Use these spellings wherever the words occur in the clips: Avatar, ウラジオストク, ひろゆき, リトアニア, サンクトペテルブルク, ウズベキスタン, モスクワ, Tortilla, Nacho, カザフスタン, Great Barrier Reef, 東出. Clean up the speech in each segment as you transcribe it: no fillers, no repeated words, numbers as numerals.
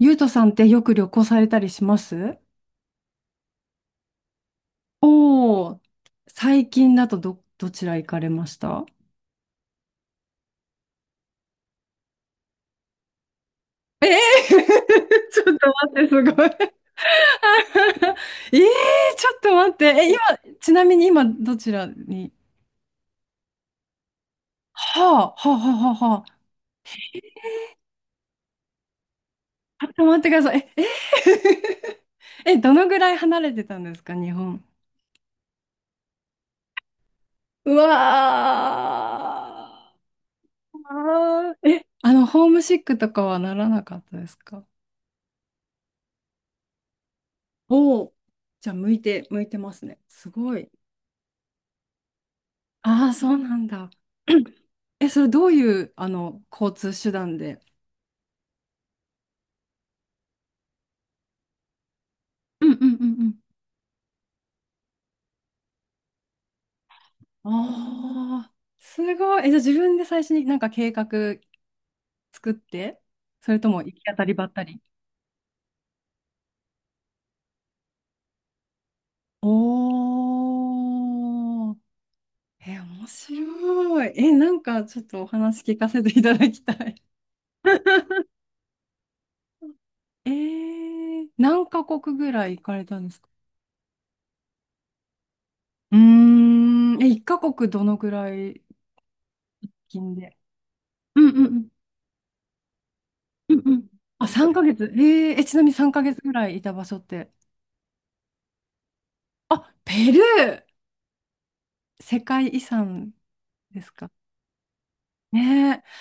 ゆうとさんってよく旅行されたりします？おー、最近だとどちら行かれました？ええー。 ちょっと待って、すごい。 ええー、ちょっと待って。え、今、ちなみに今、どちらに？はあ、はあ、はあ、はあ、はあ。ちょっと待ってください。え、どのぐらい離れてたんですか、日本。うわー。あーえ、あの、ホームシックとかはならなかったですか？おお、じゃあ向いてますね。すごい。ああ、そうなんだ。それどういう、交通手段で？うんうんうんうん。ああ、すごい。じゃあ自分で最初になんか計画作って、それとも行き当たりばったり？おー。面白い。なんかちょっとお話聞かせていただきたい。何カ国ぐらい行かれたんですか？うーん、1カ国どのぐらい近で。うんうんうん。うんうん。あ、3ヶ月。ちなみに3ヶ月ぐらいいた場所って。あ、ペルー世界遺産ですか？ねえ。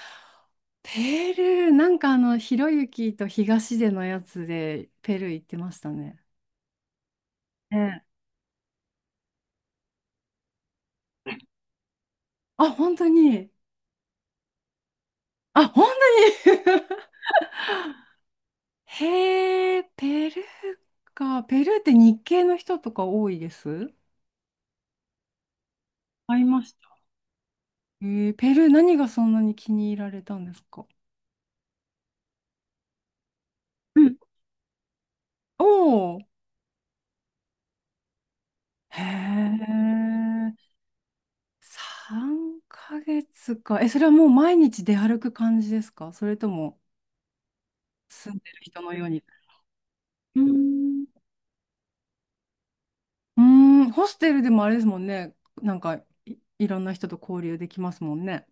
ペルー、なんかひろゆきと東出のやつでペルー行ってましたね。ねえ。あ、本当に？あ、本当に。 へえ、ペルーか。ペルーって日系の人とか多いです？会いました。えペルー何がそんなに気に入られたんですか？うん。おお。へえ、3ヶ月か。それはもう毎日出歩く感じですか、それとも？住んでる人のように。うーん、うーん。ホステルでもあれですもんね。なんかいろんな人と交流できますもんね。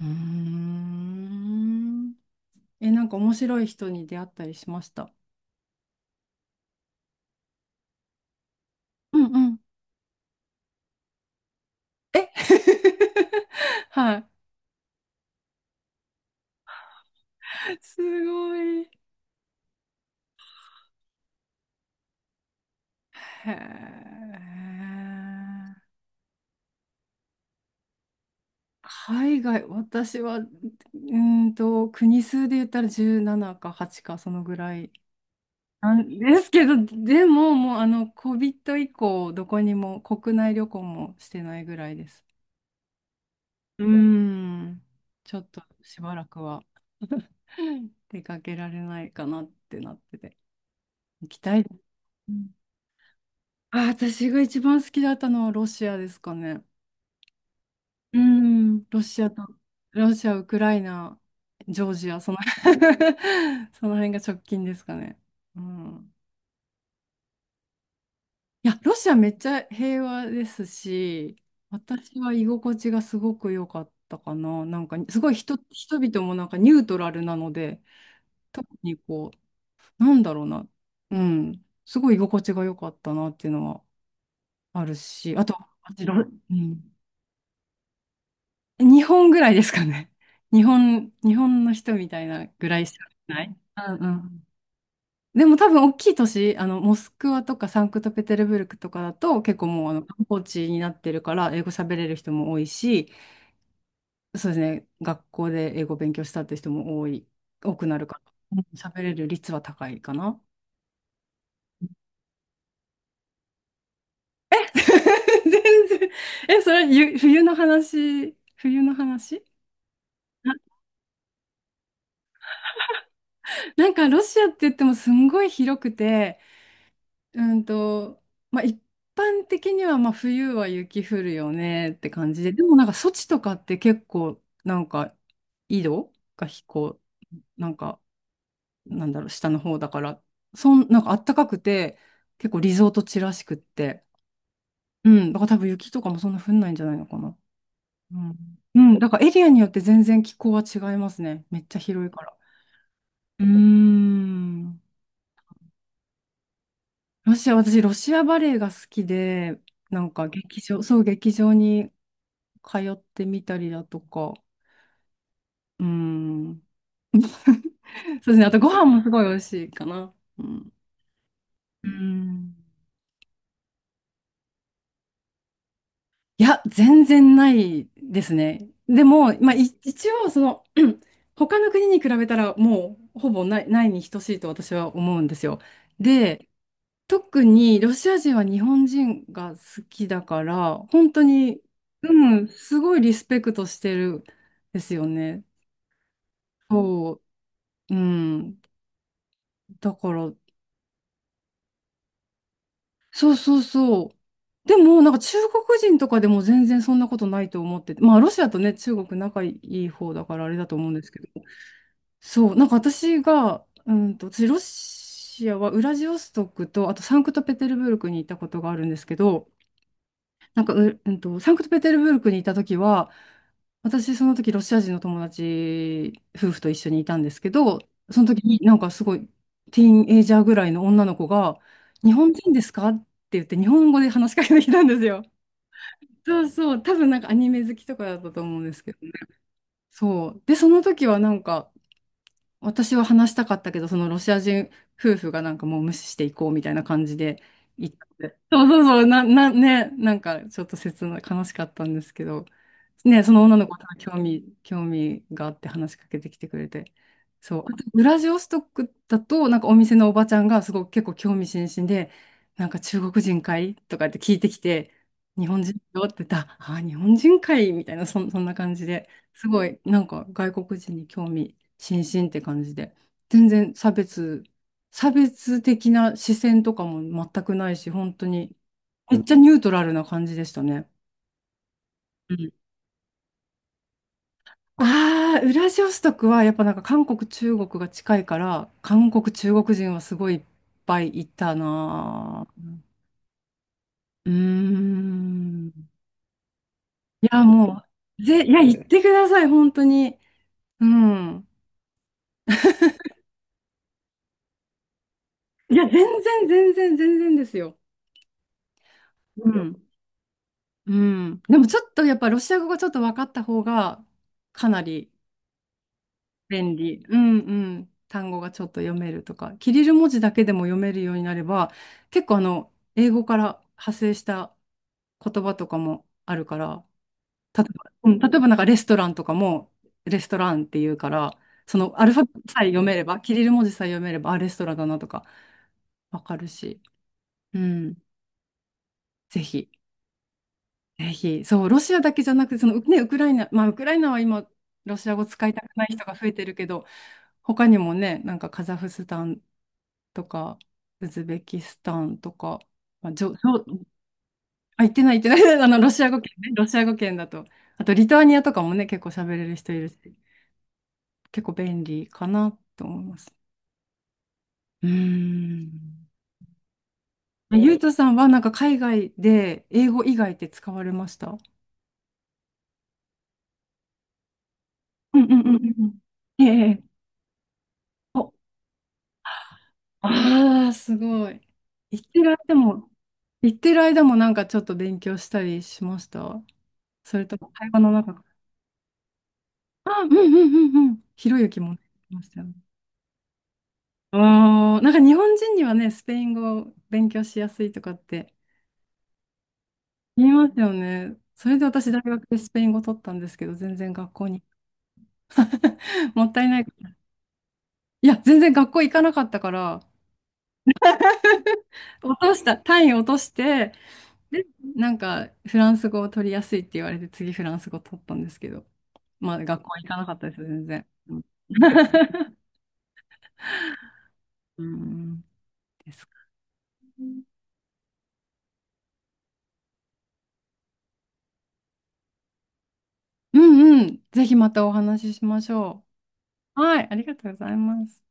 うーん。なんか面白い人に出会ったりしました？うんうん。え はい。すごい。へえ。海外、私は、ー国数で言ったら17か8か、そのぐらいなんですけど、でも、もう、コビット以降、どこにも、国内旅行もしてないぐらいです。うーん、ちょっとしばらくはうん出かけられないかなってなってて、行きたいです。うん。あ、私が一番好きだったのはロシアですかね。うん、ロシアと、ロシア、ウクライナ、ジョージア、その。 その辺が直近ですかね。うん。いや、ロシアめっちゃ平和ですし、私は居心地がすごく良かったかな。なんか、すごい人々もなんかニュートラルなので、特にこう、なんだろうな、うん、すごい居心地が良かったなっていうのはあるし、あと、私ロ、うん、日本ぐらいですかね。日本の人みたいなぐらいしかない。うんうん。でも多分大きい都市、モスクワとかサンクトペテルブルクとかだと結構もう観光地になってるから英語喋れる人も多いし、そうですね、学校で英語勉強したって人も多くなるから、うん喋れる率は高いかな。全然。それ、ゆ冬の話、冬の話？なんかロシアって言ってもすんごい広くて、うんと、まあ、一般的にはまあ冬は雪降るよねって感じで、でもなんか措置とかって結構なんか緯度がなんかなんだろう、下の方だから、なんか暖かくて、結構リゾート地らしくって、うん、だから多分雪とかもそんな降んないんじゃないのかな。うん、うん、だからエリアによって全然気候は違いますね。めっちゃ広いから。うーん。ロシア、私、ロシアバレエが好きで、なんか劇場、そう、劇場に通ってみたりだとか、うん。そうですね。あとご飯もすごい美味しいかな。うん。うん。いや、全然ないですね。でも、まあ、一応、他の国に比べたら、もう、ほぼない、ないに等しいと私は思うんですよ。で、特にロシア人は日本人が好きだから、本当に、うん、すごいリスペクトしてるんですよね。そう、うん。だから、そうそうそう。でも、なんか中国人とかでも全然そんなことないと思ってて、まあロシアとね、中国仲いい方だからあれだと思うんですけど、そう、なんか私が、うんと、私ロシアはウラジオストクと、あとサンクトペテルブルクに行ったことがあるんですけど、なんかサンクトペテルブルクに行った時は、私、その時、ロシア人の友達、夫婦と一緒にいたんですけど、その時になんかすごい、ティーンエイジャーぐらいの女の子が、日本人ですかって言って、日本語で話しかけてきたんですよ。そうそう、多分なんかアニメ好きとかだったと思うんですけど、そう。で、その時はなんか、私は話したかったけど、そのロシア人夫婦がなんかもう無視していこうみたいな感じで言ったので。そうそうそう、なんかちょっと悲しかったんですけど、ね、その女の子が興味があって話しかけてきてくれて。そう。あと、ウラジオストクだと、なんかお店のおばちゃんがすごく結構興味津々で、なんか中国人かいとかって聞いてきて、日本人よって言ったら、ああ、日本人かいみたいな、そんな感じで、すごい、なんか外国人に興味。新進って感じで、全然差別的な視線とかも全くないし、本当に、めっちゃニュートラルな感じでしたね。うん。ああ、ウラジオストクはやっぱなんか韓国、中国が近いから、韓国、中国人はすごいいっぱいいたなぁ。うーん。いや、もう、いや、言ってください、本当に。うん。いや、全然、全然、全然ですよ。うん。うん。でもちょっとやっぱロシア語がちょっと分かった方がかなり便利。うんうん。単語がちょっと読めるとか、キリル文字だけでも読めるようになれば、結構英語から派生した言葉とかもあるから、例えば、うん、例えばなんかレストランとかもレストランっていうから、そのアルファベットさえ読めれば、キリル文字さえ読めれば、あ、レストランだなとか分かるし、うん、ぜひ。ぜひ、そう、ロシアだけじゃなくて、ね、ウクライナ、まあ、ウクライナは今、ロシア語使いたくない人が増えてるけど、他にもね、なんかカザフスタンとか、ウズベキスタンとか、まあ、じょ、じょ、あ、言ってない、言ってない、ロシア語圏ね、ロシア語圏だと。あと、リトアニアとかもね、結構喋れる人いるし、結構便利かなと思います。うーん。ゆうとさんは、なんか海外で英語以外って使われました？うんうんうんうんうん。ええ。ええ。ああ、すごい。行ってる間も、行ってる間もなんかちょっと勉強したりしました？それとも会話の中から？あ、うんうんうんうん。ひろゆきもね。いましたよね。ああ、なんか日本人にはね、スペイン語を勉強しやすいとかって言いますよね。それで私大学でスペイン語取ったんですけど、全然学校に。もったいない。いや、全然学校行かなかったから、落とした、単位落として、で、なんかフランス語を取りやすいって言われて、次フランス語取ったんですけど。まあ、学校は行かなかったです、全然。うん。 うんですか。うんうん。ぜひまたお話ししましょう。はい、ありがとうございます。